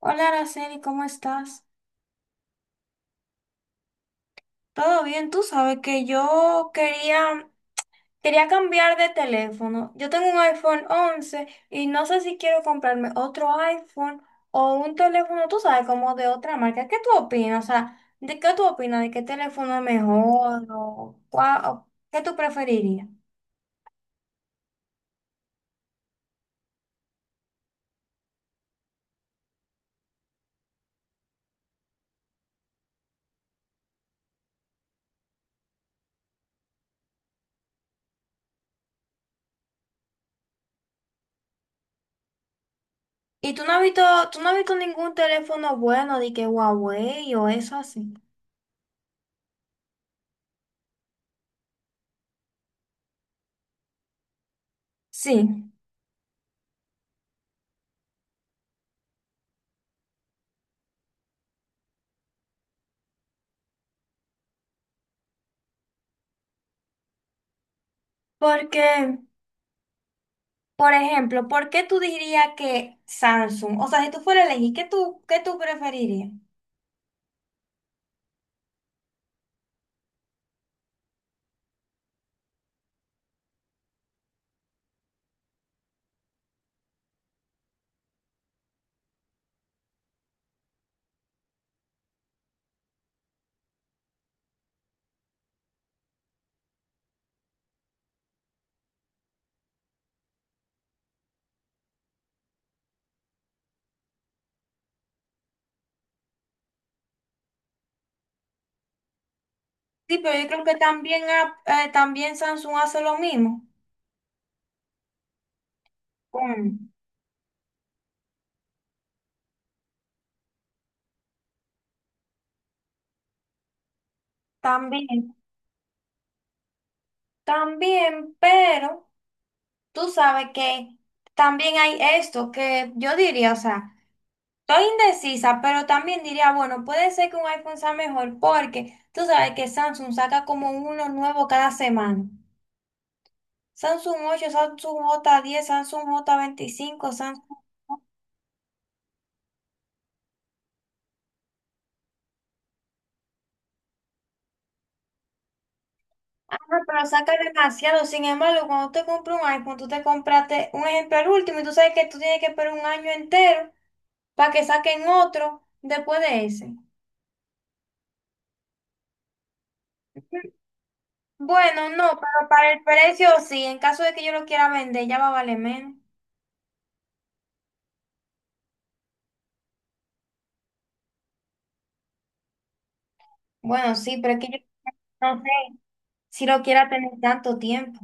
Hola, Araceli, ¿cómo estás? ¿Todo bien? Tú sabes que yo quería cambiar de teléfono. Yo tengo un iPhone 11 y no sé si quiero comprarme otro iPhone o un teléfono, tú sabes, como de otra marca. ¿Qué tú opinas? O sea, ¿de qué tú opinas? ¿De qué teléfono es mejor? ¿O cuál- o qué tú preferirías? Y tú no has visto ningún teléfono bueno de que Huawei o eso así. Sí, porque Por ejemplo, ¿por qué tú dirías que Samsung? O sea, si tú fueras a elegir, ¿qué tú preferirías? Sí, pero yo creo que también Samsung hace lo mismo. Mm, también, también, pero tú sabes que también hay esto que yo diría, o sea, estoy indecisa, pero también diría, bueno, puede ser que un iPhone sea mejor porque tú sabes que Samsung saca como uno nuevo cada semana. Samsung 8, Samsung J10, Samsung J25, Samsung... Ah, pero saca demasiado. Sin embargo, cuando tú te compras un iPhone, tú te compraste un ejemplo el último y tú sabes que tú tienes que esperar un año entero para que saquen otro después de ese. Bueno, no, pero para el precio sí. En caso de que yo lo quiera vender, ya va a valer menos. Bueno, sí, pero es que yo no sé si lo quiera tener tanto tiempo.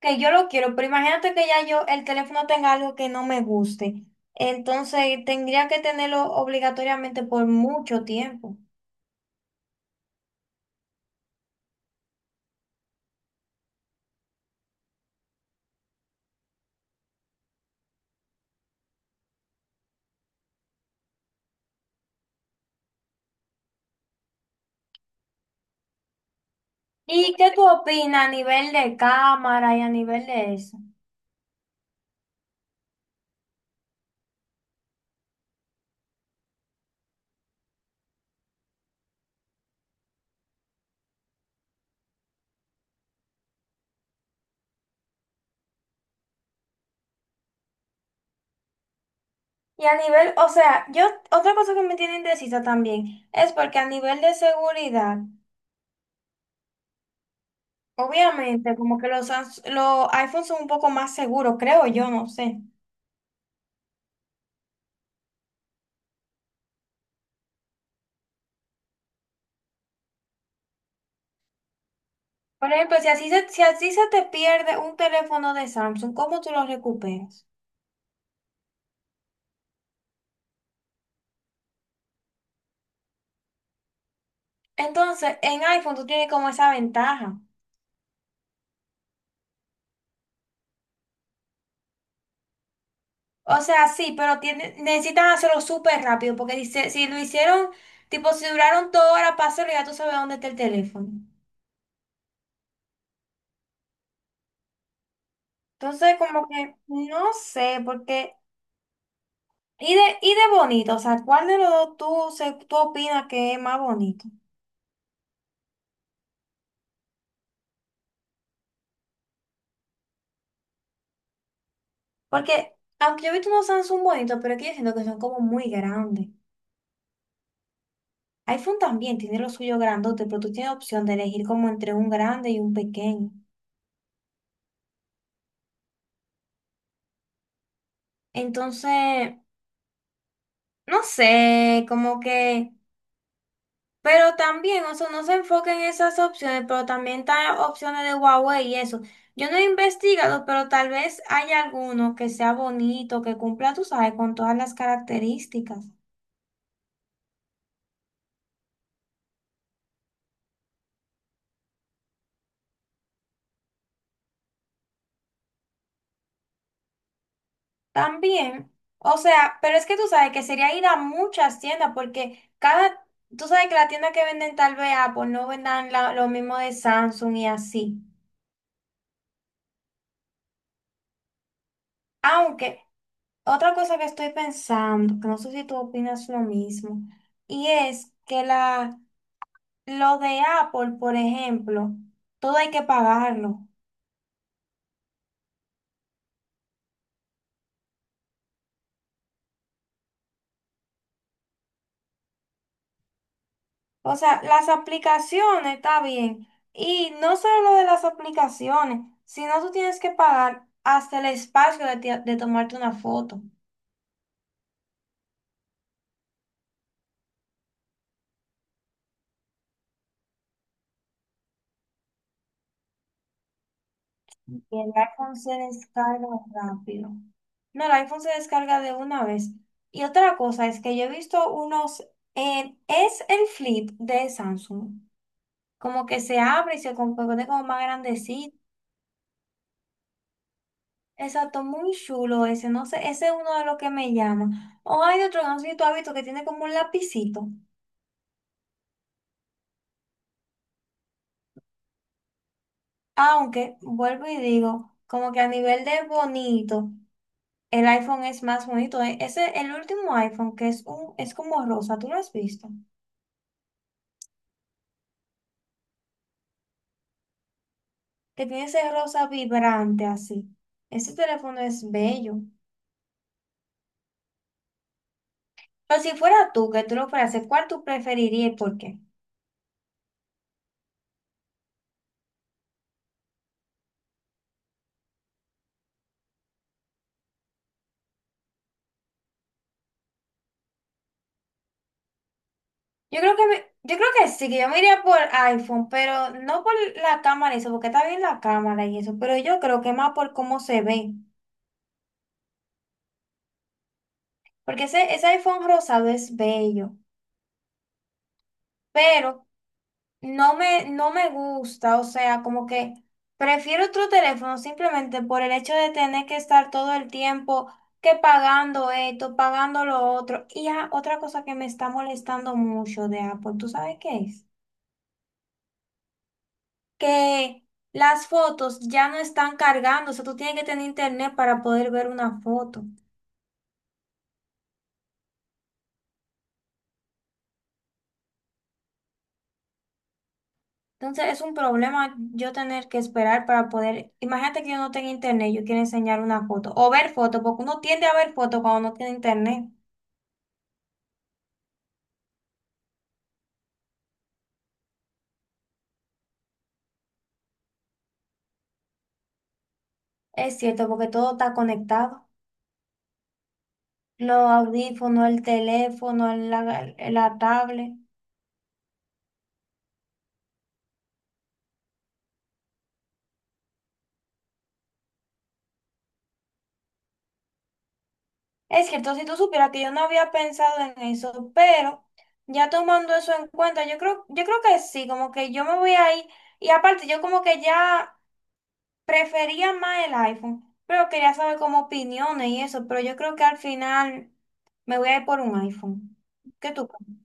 Que yo lo quiero, pero imagínate que ya yo el teléfono tenga algo que no me guste. Entonces tendría que tenerlo obligatoriamente por mucho tiempo. ¿Y qué tú opinas a nivel de cámara y a nivel de eso? Y a nivel, o sea, otra cosa que me tiene indecisa también es porque a nivel de seguridad, obviamente, como que los iPhones son un poco más seguros, creo yo, no sé. Por ejemplo, si así se te pierde un teléfono de Samsung, ¿cómo tú lo recuperas? Entonces, en iPhone tú tienes como esa ventaja. O sea, sí, pero tiene, necesitan hacerlo súper rápido, porque dice, si lo hicieron, tipo, si duraron toda hora para hacerlo, ya tú sabes dónde está el teléfono. Entonces, como que, no sé, y de bonito, o sea, ¿cuál de los dos tú opinas que es más bonito? Porque, aunque yo he visto unos Samsung bonitos, pero es que yo siento que son como muy grandes. iPhone también tiene lo suyo grandote, pero tú tienes opción de elegir como entre un grande y un pequeño. Entonces, no sé, como que... Pero también, o sea, no se enfoca en esas opciones, pero también está opciones de Huawei y eso. Yo no he investigado, pero tal vez haya alguno que sea bonito, que cumpla, tú sabes, con todas las características. También, o sea, pero es que tú sabes que sería ir a muchas tiendas, porque cada, tú sabes que la tienda que venden tal vez Apple no vendan lo mismo de Samsung y así. Aunque, otra cosa que estoy pensando, que no sé si tú opinas lo mismo, y es que la... Lo de Apple, por ejemplo, todo hay que pagarlo. O sea, las aplicaciones está bien. Y no solo lo de las aplicaciones, sino tú tienes que pagar hasta el espacio de tomarte una foto. Y el iPhone se descarga rápido. No, el iPhone se descarga de una vez. Y otra cosa es que yo he visto unos, es el Flip de Samsung. Como que se abre y se compone como más grandecito. Exacto, muy chulo ese, no sé, ese es uno de los que me llama. O hay otro, no sé si tú has visto, que tiene como un lapicito. Aunque, vuelvo y digo, como que a nivel de bonito, el iPhone es más bonito. Ese, el último iPhone, que es como rosa, ¿tú lo has visto? Que tiene ese rosa vibrante así. Ese teléfono es bello. Pero si fuera tú, que tú lo fueras, a hacer, ¿cuál tú preferirías y por qué? Yo creo que sí, que yo me iría por iPhone, pero no por la cámara y eso, porque está bien la cámara y eso, pero yo creo que más por cómo se ve, porque ese iPhone rosado es bello, pero no me gusta, o sea, como que prefiero otro teléfono simplemente por el hecho de tener que estar todo el tiempo que pagando esto, pagando lo otro. Y otra cosa que me está molestando mucho de Apple, ¿tú sabes qué es? Que las fotos ya no están cargando, o sea, tú tienes que tener internet para poder ver una foto. Entonces es un problema yo tener que esperar para poder, imagínate que yo no tengo internet, yo quiero enseñar una foto o ver foto, porque uno tiende a ver foto cuando no tiene internet. Es cierto, porque todo está conectado. Los audífonos, el teléfono, la tablet. Es cierto, si tú supieras que yo no había pensado en eso, pero ya tomando eso en cuenta, yo creo que sí, como que yo me voy a ir, y aparte yo como que ya prefería más el iPhone, pero quería saber como opiniones y eso, pero yo creo que al final me voy a ir por un iPhone. ¿Qué tú crees?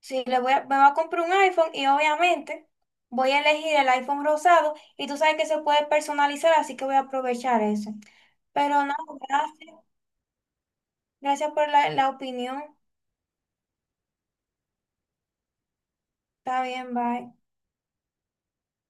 Sí, me voy a comprar un iPhone y obviamente voy a elegir el iPhone rosado y tú sabes que se puede personalizar, así que voy a aprovechar eso. Pero no, gracias, gracias por la opinión. Está bien, bye.